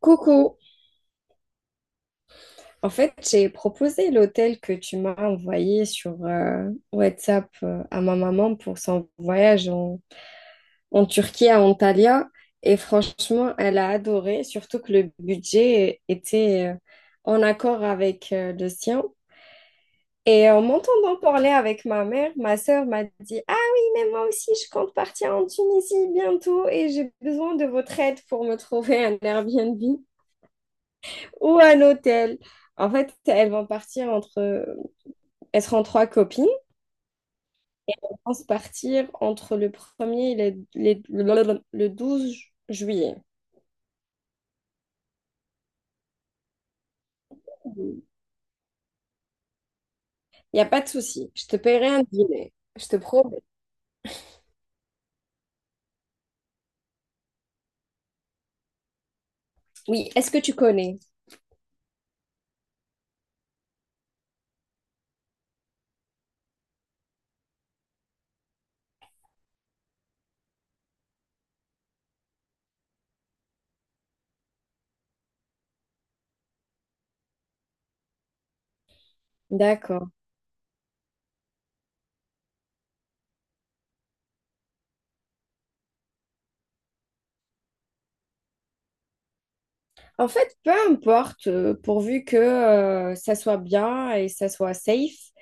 Coucou. En fait, j'ai proposé l'hôtel que tu m'as envoyé sur WhatsApp à ma maman pour son voyage en Turquie à Antalya. Et franchement, elle a adoré, surtout que le budget était en accord avec le sien. Et en m'entendant parler avec ma mère, ma sœur m'a dit : « Ah oui, mais moi aussi, je compte partir en Tunisie bientôt et j'ai besoin de votre aide pour me trouver un Airbnb ou un hôtel. » En fait, elles vont partir entre. Elles seront trois copines. Elles vont se partir entre le premier et le 12 juillet. Il n'y a pas de souci. Je te paierai un dîner. Je te promets. Oui, est-ce que tu connais? D'accord. En fait, peu importe, pourvu que ça soit bien et ça soit safe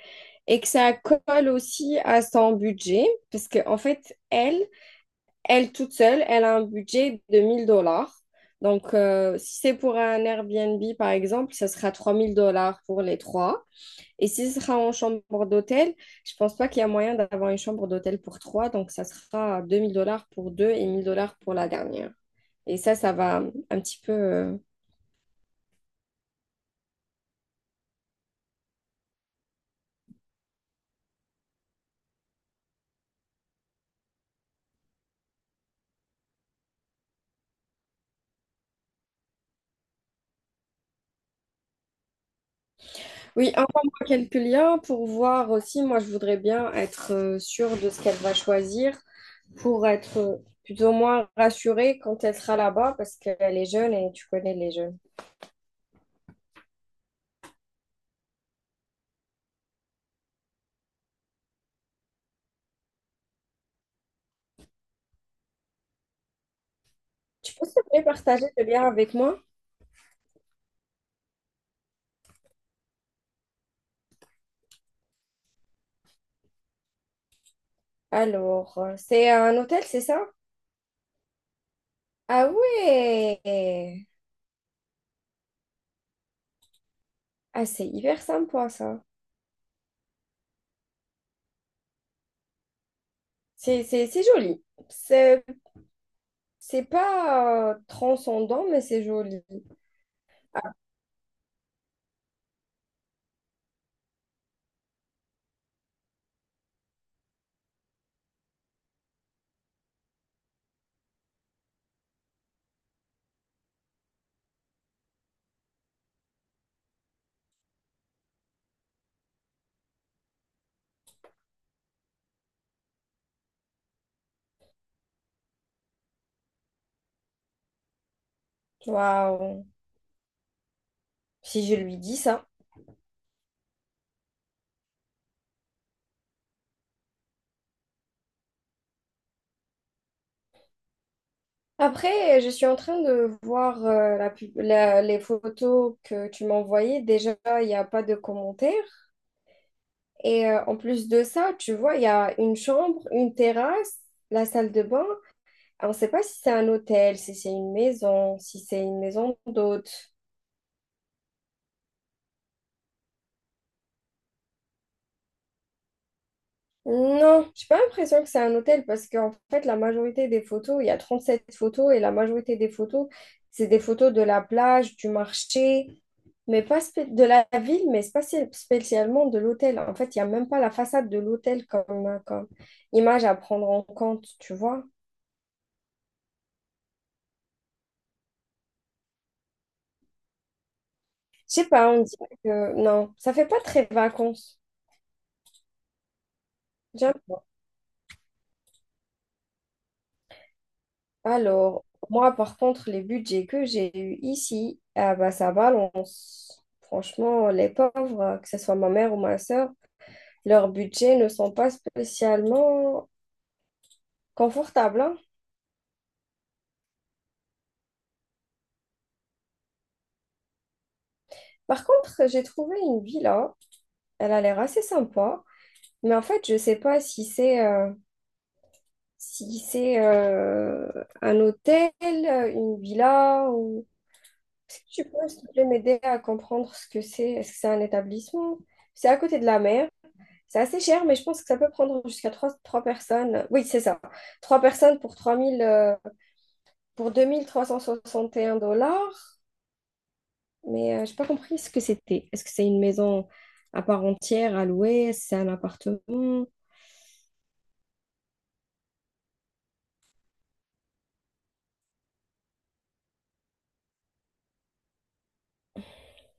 et que ça colle aussi à son budget, parce qu'en fait, elle, elle toute seule, elle a un budget de 1 000 dollars. Donc, si c'est pour un Airbnb, par exemple, ça sera 3 000 dollars pour les trois. Et si ce sera en chambre d'hôtel, je pense pas qu'il y a moyen d'avoir une chambre d'hôtel pour trois. Donc, ça sera 2 000 dollars pour deux et 1 000 dollars pour la dernière. Et ça va un petit peu... Oui, envoie-moi quelques liens pour voir aussi. Moi, je voudrais bien être sûre de ce qu'elle va choisir, pour être plus ou moins rassurée quand elle sera là-bas parce qu'elle est jeune et tu connais les jeunes. Tu peux s'il te plaît partager le lien avec moi? Alors, c'est un hôtel, c'est ça? Ah ouais! Ah, c'est hyper sympa ça. C'est joli. C'est c'est pas transcendant, mais c'est joli. Waouh! Si je lui dis ça. Après, je suis en train de voir les photos que tu m'as envoyées. Déjà, il n'y a pas de commentaires. Et en plus de ça, tu vois, il y a une chambre, une terrasse, la salle de bain. On ne sait pas si c'est un hôtel, si c'est une maison, si c'est une maison d'hôte. Non, j'ai pas l'impression que c'est un hôtel parce qu'en fait, la majorité des photos, il y a 37 photos et la majorité des photos, c'est des photos de la plage, du marché, mais pas spé- de la ville, mais c'est pas spé- spécialement de l'hôtel. En fait, il n'y a même pas la façade de l'hôtel comme image à prendre en compte, tu vois. Je sais pas, on dirait que non, ça fait pas très vacances. Tiens. Alors, moi, par contre, les budgets que j'ai eus ici, ah bah, ça balance. Franchement, les pauvres, hein, que ce soit ma mère ou ma sœur, leurs budgets ne sont pas spécialement confortables, hein. Par contre, j'ai trouvé une villa, elle a l'air assez sympa, mais en fait, je sais pas si c'est si c'est un hôtel, une villa ou. Tu peux, s'il te plaît, m'aider à comprendre ce que c'est? Est-ce que c'est un établissement? C'est à côté de la mer. C'est assez cher, mais je pense que ça peut prendre jusqu'à trois personnes. Oui, c'est ça. Trois personnes pour 3000, pour 2 361 dollars. Mais je j'ai pas compris ce que c'était. Est-ce que c'est une maison à part entière à louer? Est-ce que c'est un appartement?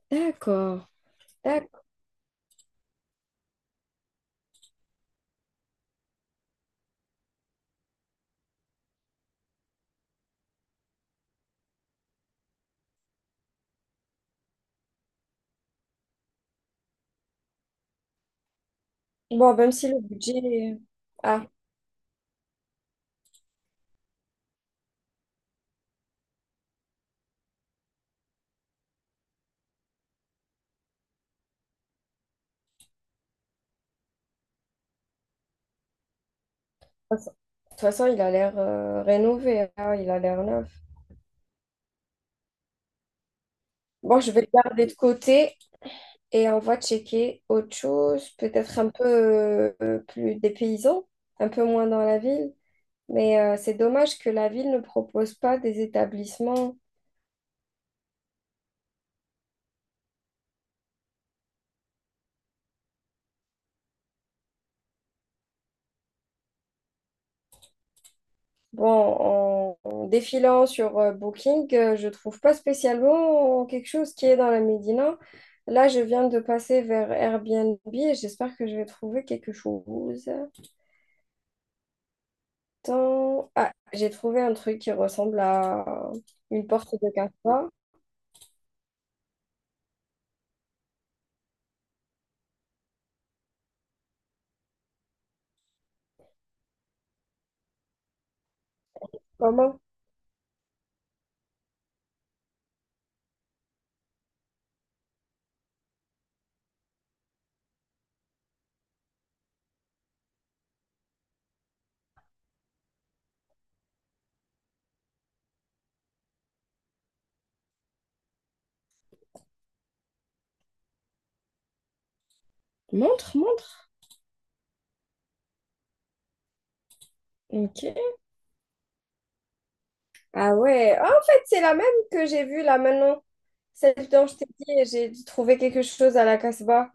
D'accord, d'accord. Bon, même si le budget... Ah, de toute façon, de toute façon, il a l'air rénové, hein, il a l'air neuf. Bon, je vais le garder de côté. Et on va checker autre chose, peut-être un peu plus des paysans, un peu moins dans la ville. Mais c'est dommage que la ville ne propose pas des établissements. Bon, en défilant sur Booking, je trouve pas spécialement quelque chose qui est dans la Médina. Là, je viens de passer vers Airbnb et j'espère que je vais trouver quelque chose. Attends. Ah, j'ai trouvé un truc qui ressemble à une porte de casse. Comment? Montre, montre. Ok. Ah ouais, ah, en fait, c'est la même que j'ai vue là maintenant. Celle dont je t'ai dit, j'ai trouvé quelque chose à la Casbah.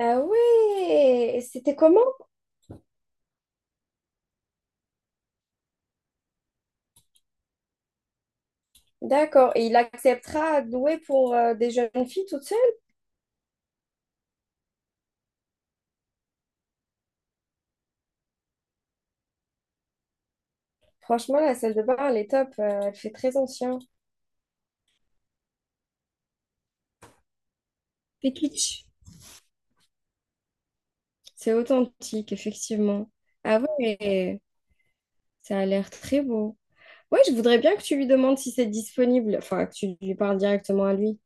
Ah ouais, et c'était comment? D'accord, et il acceptera de louer pour des jeunes filles toutes seules? Franchement, la salle de bain, elle est top. Elle fait très ancien. C'est kitsch. C'est authentique, effectivement. Ah ouais, ça a l'air très beau. Ouais, je voudrais bien que tu lui demandes si c'est disponible, enfin, que tu lui parles directement à lui.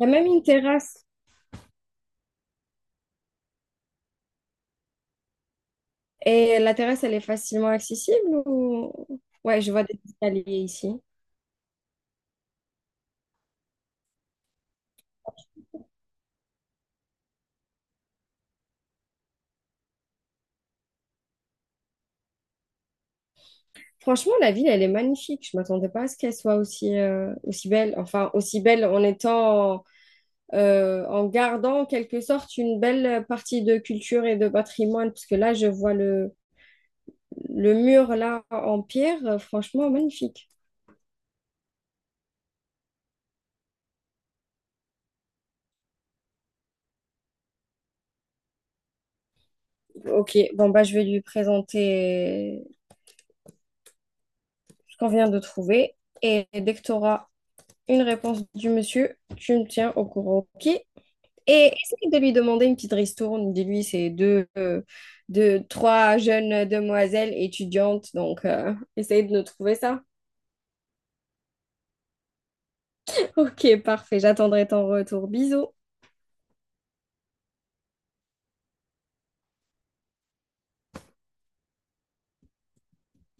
Il y a même une terrasse. Et la terrasse, elle est facilement accessible ou... Ouais, je vois des escaliers ici. Franchement, la ville, elle est magnifique. Je m'attendais pas à ce qu'elle soit aussi, aussi belle. Enfin, aussi belle en étant, en gardant en quelque sorte une belle partie de culture et de patrimoine. Parce que là, je vois le mur là en pierre. Franchement, magnifique. Ok, bon, bah, je vais lui présenter ce qu'on vient de trouver. Et dès que tu auras une réponse du monsieur, tu me tiens au courant. Ok? Et essaye de lui demander une petite ristourne. Dis-lui, c'est trois jeunes demoiselles étudiantes. Donc, essaye de nous trouver ça. Ok, parfait. J'attendrai ton retour. Bisous.